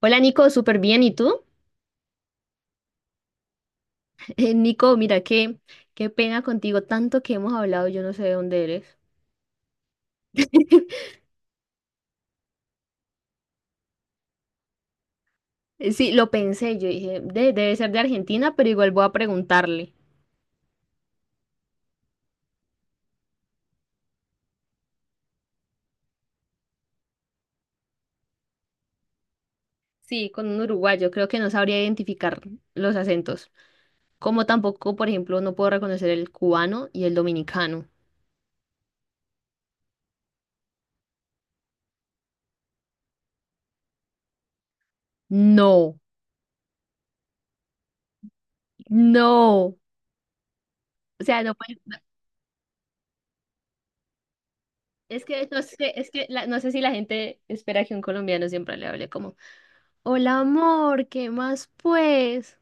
Hola Nico, súper bien. ¿Y tú? Nico, mira, qué pena contigo, tanto que hemos hablado, yo no sé de dónde eres. Sí, lo pensé, yo dije, Debe ser de Argentina, pero igual voy a preguntarle." Sí, con un uruguayo, creo que no sabría identificar los acentos. Como tampoco, por ejemplo, no puedo reconocer el cubano y el dominicano. No, no. O sea, es que no sé, es que no sé si la gente espera que un colombiano siempre le hable como, hola amor, ¿qué más pues?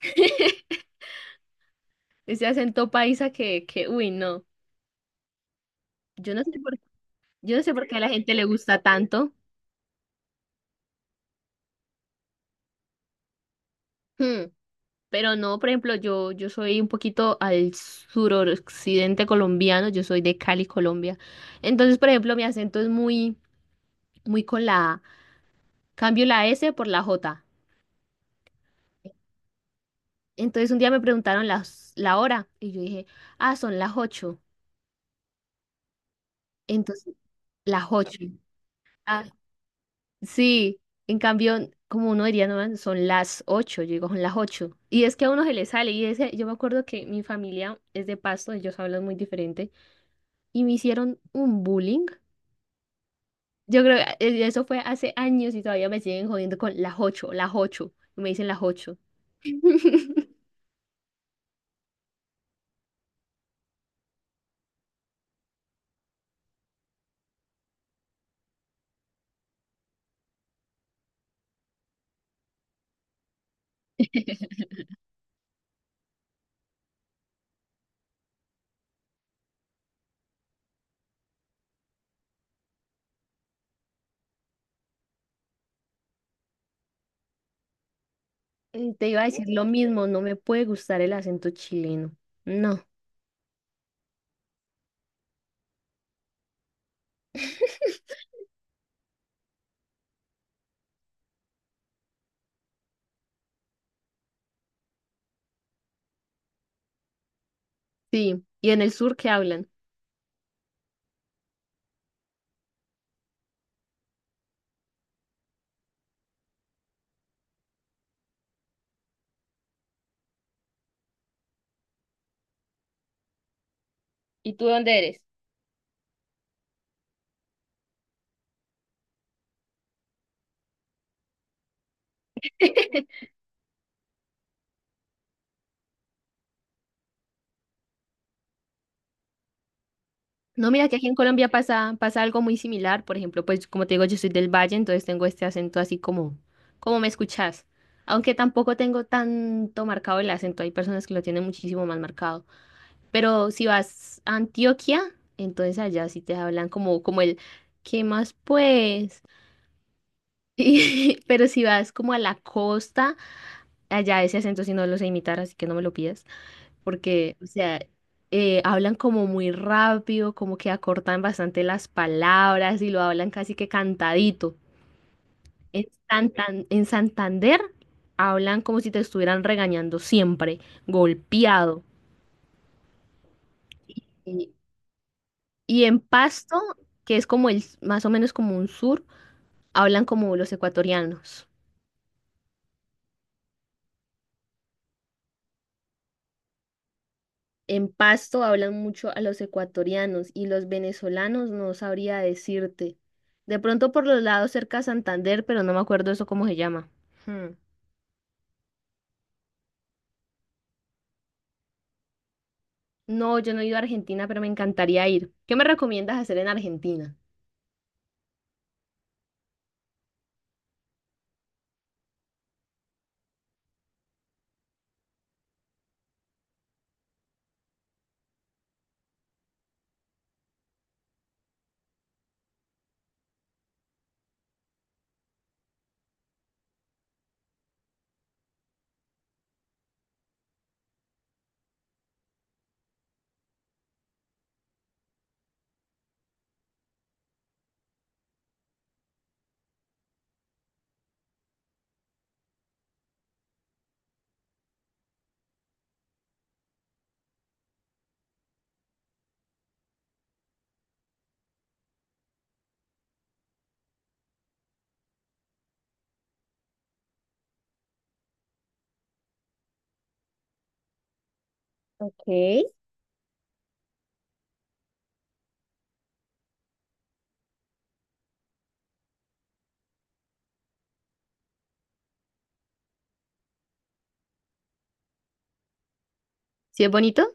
Ese acento paisa uy, no. Yo no sé por, yo no sé por qué a la gente le gusta tanto. Hmm. Pero no, por ejemplo, yo soy un poquito al suroccidente colombiano, yo soy de Cali, Colombia. Entonces, por ejemplo, mi acento es muy, muy con la A. Cambio la S por la J. Entonces un día me preguntaron la hora y yo dije, ah, son las ocho. Entonces, las ocho. Ah, sí, en cambio, como uno diría, no, man, son las ocho, yo digo, son las ocho. Y es que a uno se le sale, y ese, yo me acuerdo que mi familia es de Pasto, ellos hablan muy diferente, y me hicieron un bullying. Yo creo que eso fue hace años y todavía me siguen jodiendo con las ocho, y me dicen las ocho. Y te iba a decir lo mismo, no me puede gustar el acento chileno. No, sí, y en el sur que hablan. ¿Y tú dónde eres? No, mira que aquí en Colombia pasa, pasa algo muy similar. Por ejemplo, pues como te digo, yo soy del Valle, entonces tengo este acento así como me escuchas. Aunque tampoco tengo tanto marcado el acento, hay personas que lo tienen muchísimo más marcado. Pero si vas a Antioquia, entonces allá sí te hablan como el, ¿qué más pues? Pero si vas como a la costa, allá ese acento sí no lo sé imitar, así que no me lo pidas porque, o sea, hablan como muy rápido, como que acortan bastante las palabras y lo hablan casi que cantadito. En Santander hablan como si te estuvieran regañando siempre, golpeado. Y, y en Pasto, que es como el, más o menos como un sur, hablan como los ecuatorianos. En Pasto hablan mucho a los ecuatorianos y los venezolanos no sabría decirte. De pronto por los lados cerca a Santander, pero no me acuerdo eso cómo se llama. Hmm. No, yo no he ido a Argentina, pero me encantaría ir. ¿Qué me recomiendas hacer en Argentina? Ok. ¿Sí es bonito?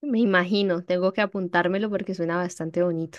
Me imagino, tengo que apuntármelo porque suena bastante bonito.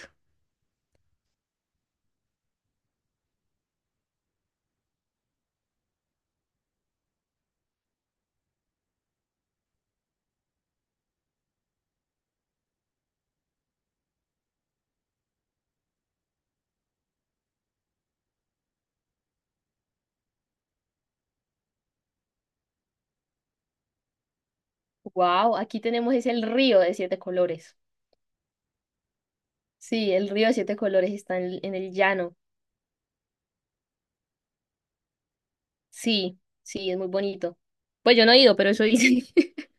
Wow, aquí tenemos es el río de siete colores. Sí, el río de siete colores está en el llano. Sí, sí, es muy bonito. Pues yo no he ido, pero eso dicen.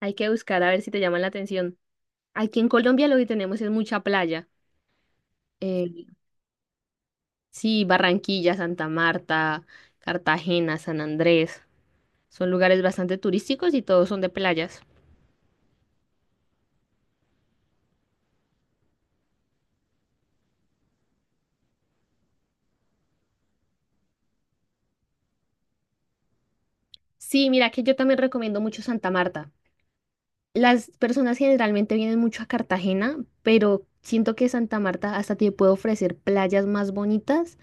Hay que buscar a ver si te llaman la atención. Aquí en Colombia lo que tenemos es mucha playa. Eh, sí, Barranquilla, Santa Marta, Cartagena, San Andrés. Son lugares bastante turísticos y todos son de playas. Sí, mira que yo también recomiendo mucho Santa Marta. Las personas generalmente vienen mucho a Cartagena, pero siento que Santa Marta hasta te puede ofrecer playas más bonitas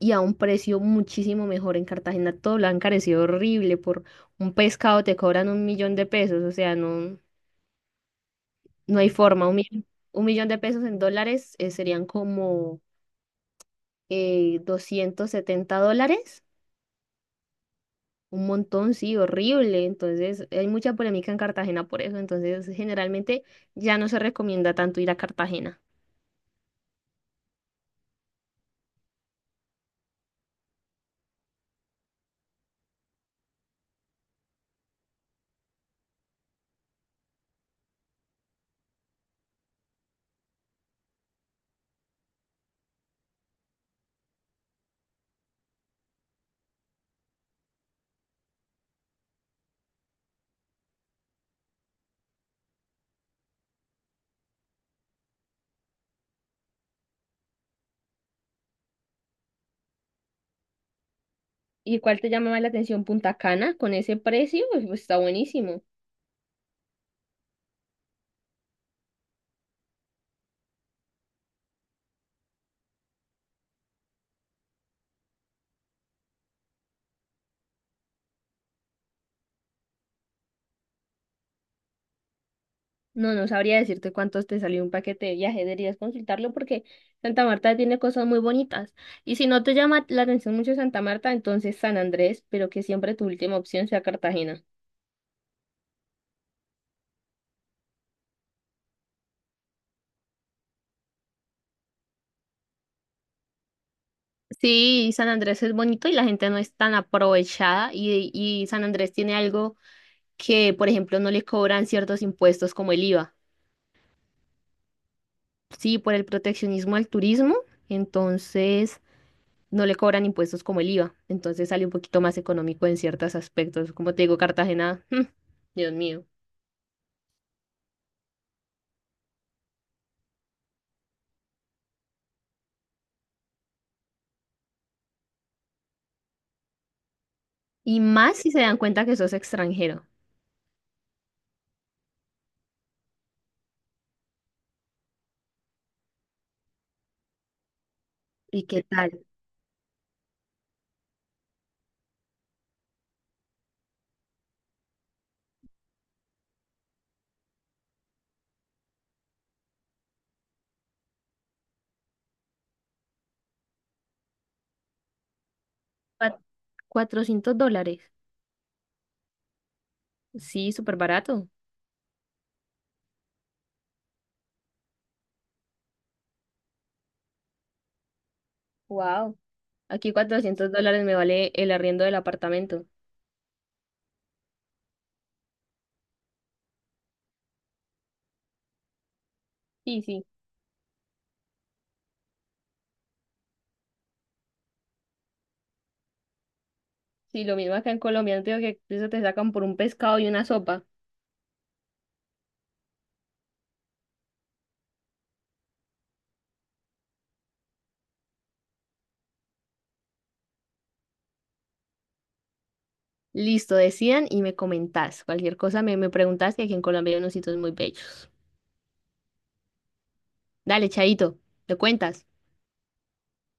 y a un precio muchísimo mejor. En Cartagena todo lo han encarecido horrible. Por un pescado te cobran 1.000.000 de pesos. O sea, no. No hay forma. 1.000.000, 1.000.000 de pesos en dólares serían como 270 dólares. Un montón, sí, horrible. Entonces, hay mucha polémica en Cartagena por eso. Entonces, generalmente ya no se recomienda tanto ir a Cartagena. ¿Y cuál te llama más la atención? Punta Cana, con ese precio, pues, está buenísimo. No, no sabría decirte cuántos te salió un paquete de viaje, deberías consultarlo porque Santa Marta tiene cosas muy bonitas. Y si no te llama la atención mucho Santa Marta, entonces San Andrés, pero que siempre tu última opción sea Cartagena. Sí, San Andrés es bonito y la gente no es tan aprovechada y San Andrés tiene algo que, por ejemplo, no le cobran ciertos impuestos como el IVA. Sí, por el proteccionismo al turismo, entonces no le cobran impuestos como el IVA, entonces sale un poquito más económico en ciertos aspectos. Como te digo, Cartagena, Dios mío. Y más si se dan cuenta que sos extranjero. ¿Y qué tal? Cua- 400 dólares. Sí, súper barato. Wow. Aquí 400 dólares me vale el arriendo del apartamento. Sí, sí. Sí, lo mismo acá en Colombia. No te digo que eso te sacan por un pescado y una sopa. Listo, decidan y me comentás. Cualquier cosa me preguntás que aquí en Colombia hay unos sitios muy bellos. Dale, Chaito, ¿te cuentas?